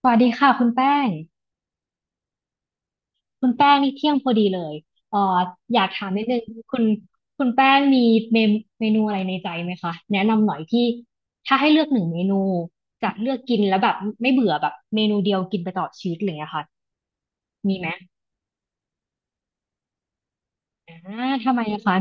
สวัสดีค่ะคุณแป้งคุณแป้งนี่เที่ยงพอดีเลยเอ่ออยากถามนิดนึงคุณคุณแป้งมีเมมเมนูอะไรในใจไหมคะแนะนำหน่อยที่ถ้าให้เลือกหนึ่งเมนูจะเลือกกินแล้วแบบไม่เบื่อแบบเมนูเดียวกินไปตลอดชีวิตอะไรอย่างเงี้ยค่ะมีไหมอ่าทำไมอะคะ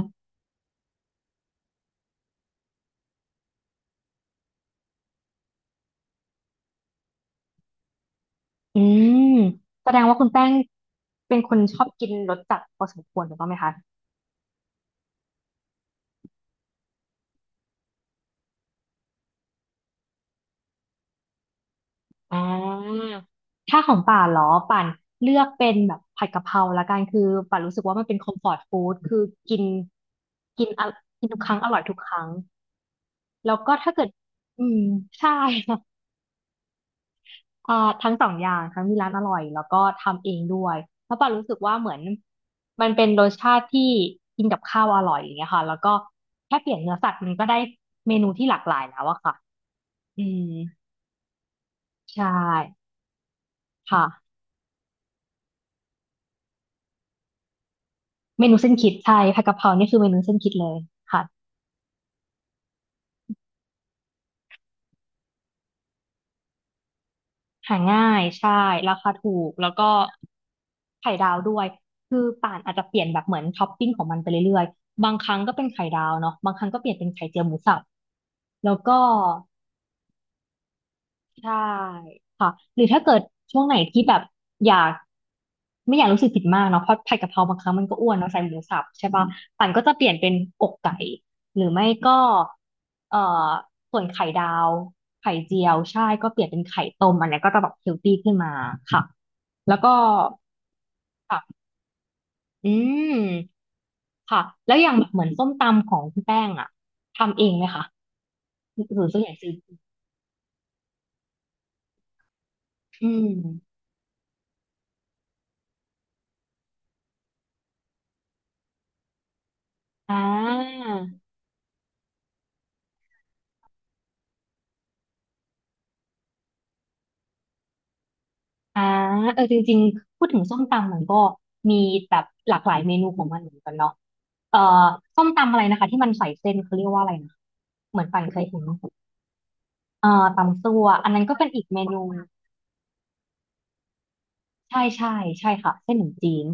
อืมแสดงว่าคุณแป้งเป็นคนชอบกินรสจัดพอสมควรถูกต้องไหมคะ อ่าถ้าของป่านเหรอป่านเลือกเป็นแบบผัดกะเพราละกันคือป่านรู้สึกว่ามันเป็นคอมฟอร์ตฟู้ดคือกินกินอะกินทุกครั้งอร่อยทุกครั้งแล้วก็ถ้าเกิดอืมใช่ ค่ะอ่าทั้งสองอย่างทั้งมีร้านอร่อยแล้วก็ทำเองด้วยแล้าะป่านรู้สึกว่าเหมือนมันเป็นรสชาติที่กินกับข้าวอร่อยอย่างเงี้ยค่ะแล้วก็แค่เปลี่ยนเนื้อสัตว์มันก็ได้เมนูที่หลากหลายแล้วอะค่ะอืมใช่ค่ะ เมนูเส้นคิดใช่ผัดกะเพรานี่คือเมนูเส้นคิดเลยค่ะหาง่ายใช่ราคาถูกแล้วก็ไข่ดาวด้วย คือป่านอาจจะเปลี่ยนแบบเหมือนท็อปปิ้งของมันไปเรื่อยๆบางครั้งก็เป็นไข่ดาวเนาะบางครั้งก็เปลี่ยนเป็นไข่เจียวหมูสับแล้วก็ ใช่ค่ะหรือถ้าเกิดช่วงไหนที่แบบอยากไม่อยากรู้สึกผิดมากเนาะเพราะผัดกะเพราบางครั้งมันก็อ้วนเนาะใส่หมูสับใช่ป่ะปั่นก็จะเปลี่ยนเป็นอกไก่หรือไม่ก็เอ่อส่วนไข่ดาวไข่เจียวใช่ก็เปลี่ยนเป็นไข่ต้มอันเนี้ยก็จะแบบเฮลตี้ขึ้นมาค่ะแล้วก็ค่ะอืมค่ะแล้วอย่างแบบเหมือนส้มตำของคุณแป้งอะทำเองไหมคะหรือส่วนใหญ่ซื้ออืมอ่า อ่าเออ จริงๆพูดถึงส้มตำมันก็มีแบบหลากหลายเมนูของมันเหมือนกันเนาะเอ่อส้มตำอะไรนะคะที่มันใส่เส้นเขาเรียกว่าอะไรนะเหมือนปันเคยเห็นตำซั่วอันนั้นก็เป็นอีกเมนูใช่ใช่ใช่ค่ะเส้นหนมี่จีน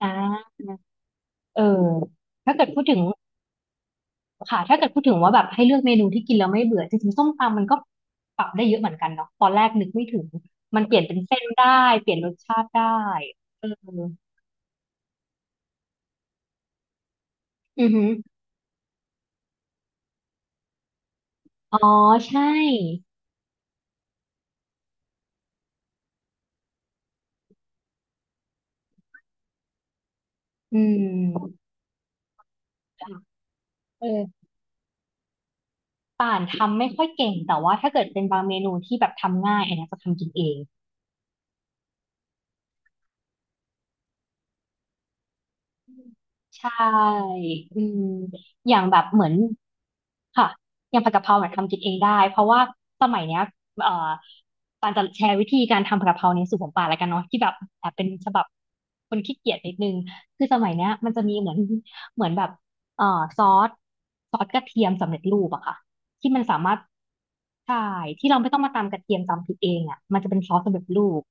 อ่าเออถ้าเกิดพูดถึงค่ะถ้าเกิดพูดถึงว่าแบบให้เลือกเมนูที่กินแล้วไม่เบื่อจริงๆส้มตำมันก็ปรับได้เยอะเหมือนกันเนาะตอนแรกนึกไม่ถึงมันเปลี่ยนเป็นเส้นได้เปลี่ยนรสชาติได้เอออือฮึ อ๋อใช่อืมเออป่านทำไม่ค่อยเก่งแต่ว่าถ้าเกิดเป็นบางเมนูที่แบบทำง่ายอันเนี้ยจะทำกินเอง ใช่อืมอย่างแบบเหมือนค่ะอย่างผัดกะเพราเนี่ยทำกินเองได้เพราะว่าสมัยเนี้ยเอ่อปานจะแชร์วิธีการทำผัดกะเพราในสูตรของปานแล้วกันเนาะที่แบบแอบเป็นฉบับคนขี้เกียจนิดนึงคือสมัยเนี้ยมันจะมีเหมือนเหมือนแบบเอ่อซอสซอสกระเทียมสำเร็จรูปอะค่ะที่มันสามารถใช่ที่เราไม่ต้องมาตำกระเทียมตำพริกเองอะมันจะเป็นซอสสำเร็จรูป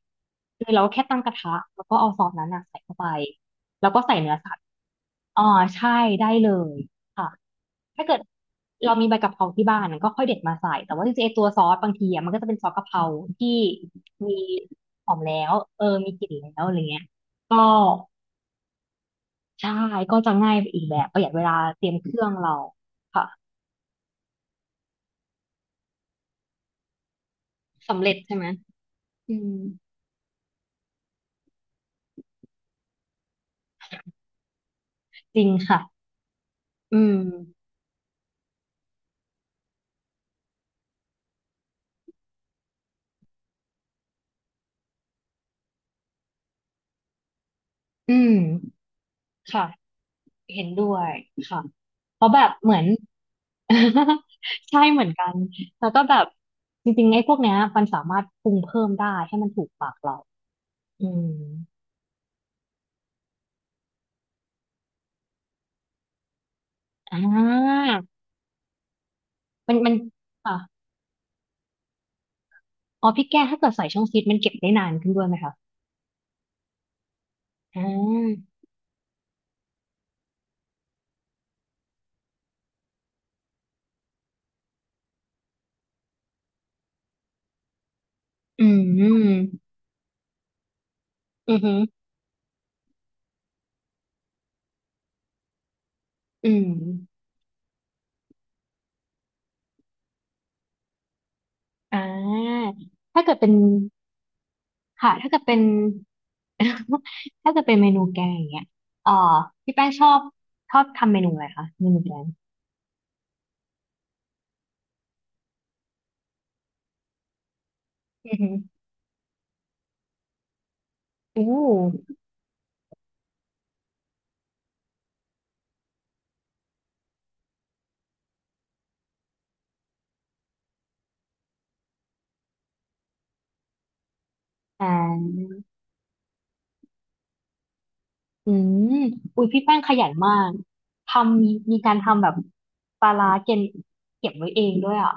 คือเราแค่ตั้งกระทะแล้วก็เอาซอสนั้นอะใส่เข้าไปแล้วก็ใส่เนื้อสัตว์ อ๋อใช่ได้เลยค่ะถ้าเกิดเรามีใบกะเพราที่บ้านก็ค่อยเด็ดมาใส่แต่ว่าจริงๆไอ้ตัวซอสบางทีอะมันก็จะเป็นซอสกะเพราที่มีหอมแล้วเออมีกลิ่นแล้วอะไรเงี้ยก็ใช่ก็จะง่ายไปอีกแบบประหยัดเวลาเตรียมเครื่องเราค่ะสำเร็จใช่ไหมอืมจริงค่ะอืมอืมค่ะ เห็นด้วยค่ะเพราะแบบเหมือน ใช่เหมือนกันแล้วก็แบบจริงๆไอ้พวกเนี้ยมันสามารถปรุงเพิ่มได้ให้มันถูกปากเราอืมอ่ามันค่ะอ๋อพี่แก้ถ้าเกิดใส่ช่องฟีดมันเก็บได้นานขึ้นด้วยไหมคะอ่าอืมอือหืออืมอ่าถ้าเกิดเป็นค่ะถ้าเกิดเป็น ถ้าเกิดเป็นเมนูแกงอย่างเงี้ยเอ่อพี่แป้งชอบชอบทำเมนูอะไรคะเมนูแกง อือหืออู้อ่าอืมอุ้ยพี่แป้งขยันมากทำมีมีการทำแบบปลาร้าเก็บเก็บไว้เองด้วยอ่ะ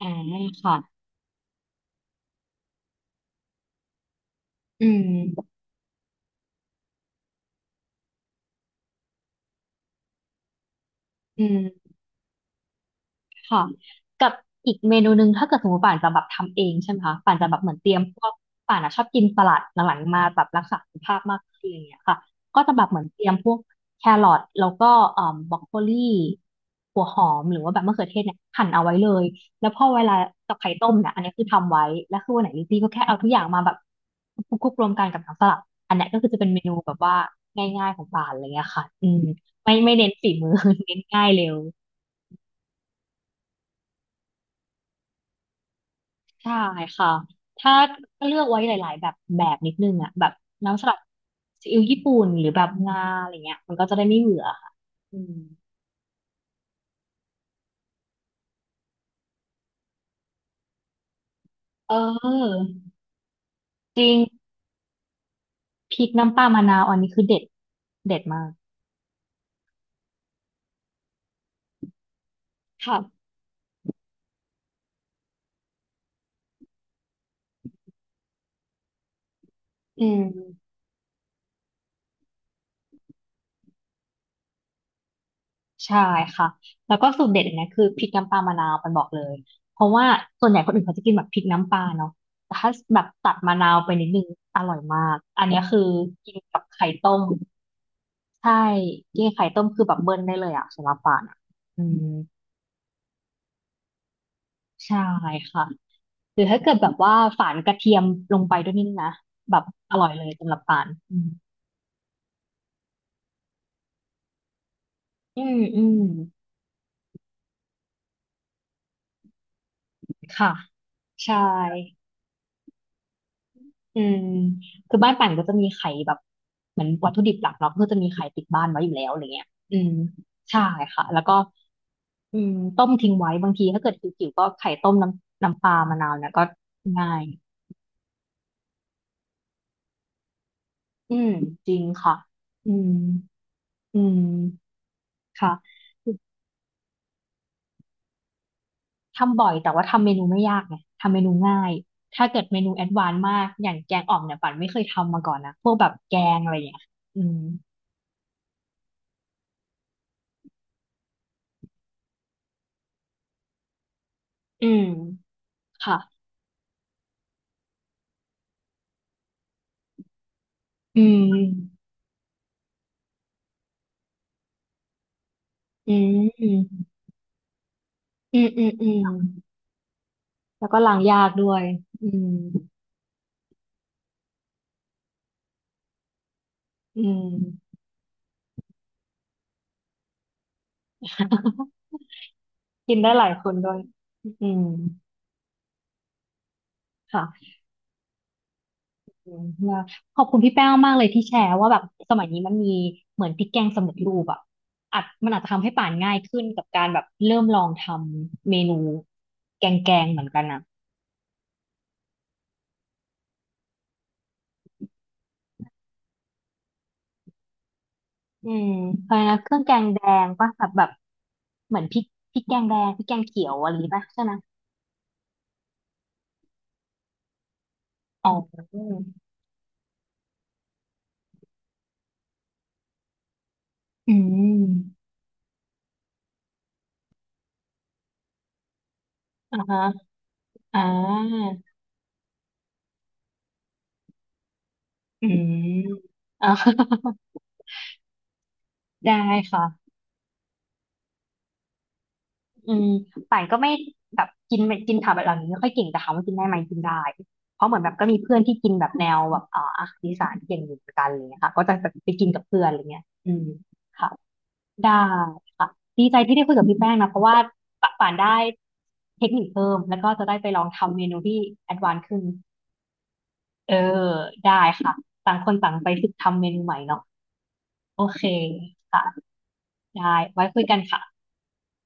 อ่าค่ะอืมอืม ค่ะกับอีกเมนูหนึ่งถ้าเกิดสมมติป่านจะแบบทำเองใช่ไหมคะป่านจะแบบเหมือนเตรียมพวกป่านอะชอบกินสลัดหลังๆมาแบบรักษาสุขภาพมากขึ้นอะไรอย่างเงี้ยค่ะก็จะแบบเหมือนเตรียมพวกแครอทแล้วก็เอ่อบรอกโคลีหัวหอมหรือว่าแบบมะเขือเทศเนี่ยหั่นเอาไว้เลยแล้วพอเวลากับไข่ต้มเนี่ยอันนี้คือทำไว้แล้วคือวันไหนลิซี่ก็แค่เอาทุกอย่างมาแบบคลุกๆรวมกันกับน้ำสลัดอันเนี้ยก็คือจะเป็นเมนูแบบว่าง่ายๆของป่านอะไรเงี้ยค่ะอืมไม่ไม่เน้นฝีมือ เน้นง่ายเร็ว ใช่ค่ะ ถ้าก็เลือกไว้หลายๆแบบแบบนิดนึงอ่ะแบบน้ำสลัดซีอิ๊วญี่ปุ่นหรือแบบงาอะไรเงี้ยมันก็จะได้ไม่เบื่อค่ะอืมเออจริงพริกน้ำปลามะนาวอันนี้คือเด็ดเด็ดมากค่ะอืม ใช่ค่ะแล้วก็สูตรเด็ดอันเนี้ยคือพริกน้ำปลามะนาวปันบอกเลย เพราะว่าส่วนใหญ่คนอื่นเขาจะกินแบบพริกน้ำปลาเนาะแต่ถ้าแบบตัดมะนาวไปนิดนึงอร่อยมากอันเนี้ยคือกินกับไข่ต้มใช่กินไข่ต้มคือแบบเบิ้ลได้เลยอะสำหรับปานอะอืมใช่ค่ะหรือถ้าเกิดแบบว่าฝานกระเทียมลงไปด้วยนิดนะแบบอร่อยเลยสำหรับปานอืมอืมอืมค่ะใช่ อืมคือบ้านป่านก็จะมีไข่แบบเหมือนวัตถุดิบหลักเราก็จะมีไข่ติดบ้านไว้อยู่แล้วอะไรเงี้ยอืมใช่ค่ะแล้วก็อืมต้มทิ้งไว้บางทีถ้าเกิดหิวๆก็ไข่ต้มน้ำปลามะนาวเนี่ยก็ง่าย อืมจริงค่ะอืมอืมค่ะ ทำบ่อยแต่ว่าทำเมนูไม่ยากไงทำเมนูง่ายถ้าเกิดเมนูแอดวานซ์มากอย่างแกงอ่อมเนี่ยป่านไม่เคยทำมาก่อนนะพวกแบบแกงอะไรอย่างเงี้ยอืมอืมค่ะอืม อืมอืมอืมอืมแล้วก็ล้างยากด้วยอืมอืมกินได้หลายคนด้วยอืมค่ะอืมแล้วขอบคุณพี่แป้งมากเลยที่แชร์ว่าแบบสมัยนี้มันมีเหมือนพริกแกงสำเร็จรูปอ่ะอาจมันอาจจะทำให้ป่านง่ายขึ้นกับการแบบเริ่มลองทำเมนูแกงเหมือนกันนะอืมเพราะฉะนั้นเครื่องแกงแดงป่ะแบบแบบเหมือนพริกแกงแดงพริกแกงเขียวอะไรนี้ป่ะใช่ไหมอ๋ออืมอมฮะ อ่าอืมอ่า ได้ค่ะอืมป่านก็ไม่แบบกินไม่กินผักแบบเหล่านี้ไม่ค่อยเก่งแต่ถามว่ากินได้ไหมกินได้ เพราะเหมือนแบบก็มีเพื่อนที่กินแบบแนวแบบอาหารอีสานเก่งอยู่เหมือนกันอะไรเลยค่ะก็จะแบบไปกินกับเพื่อนอะไรเงี้ยอืมค่ะได้ค่ะดีใจที่ได้คุยกับพี่แป้งนะเพราะว่าป่านได้เทคนิคเพิ่มแล้วก็จะได้ไปลองทำเมนูที่แอดวานซ์ขึ้นเออได้ค่ะต่างคนต่างไปฝึกทำเมนูใหม่เนาะ โอเคค่ะได้ไว้คุยกันค่ะ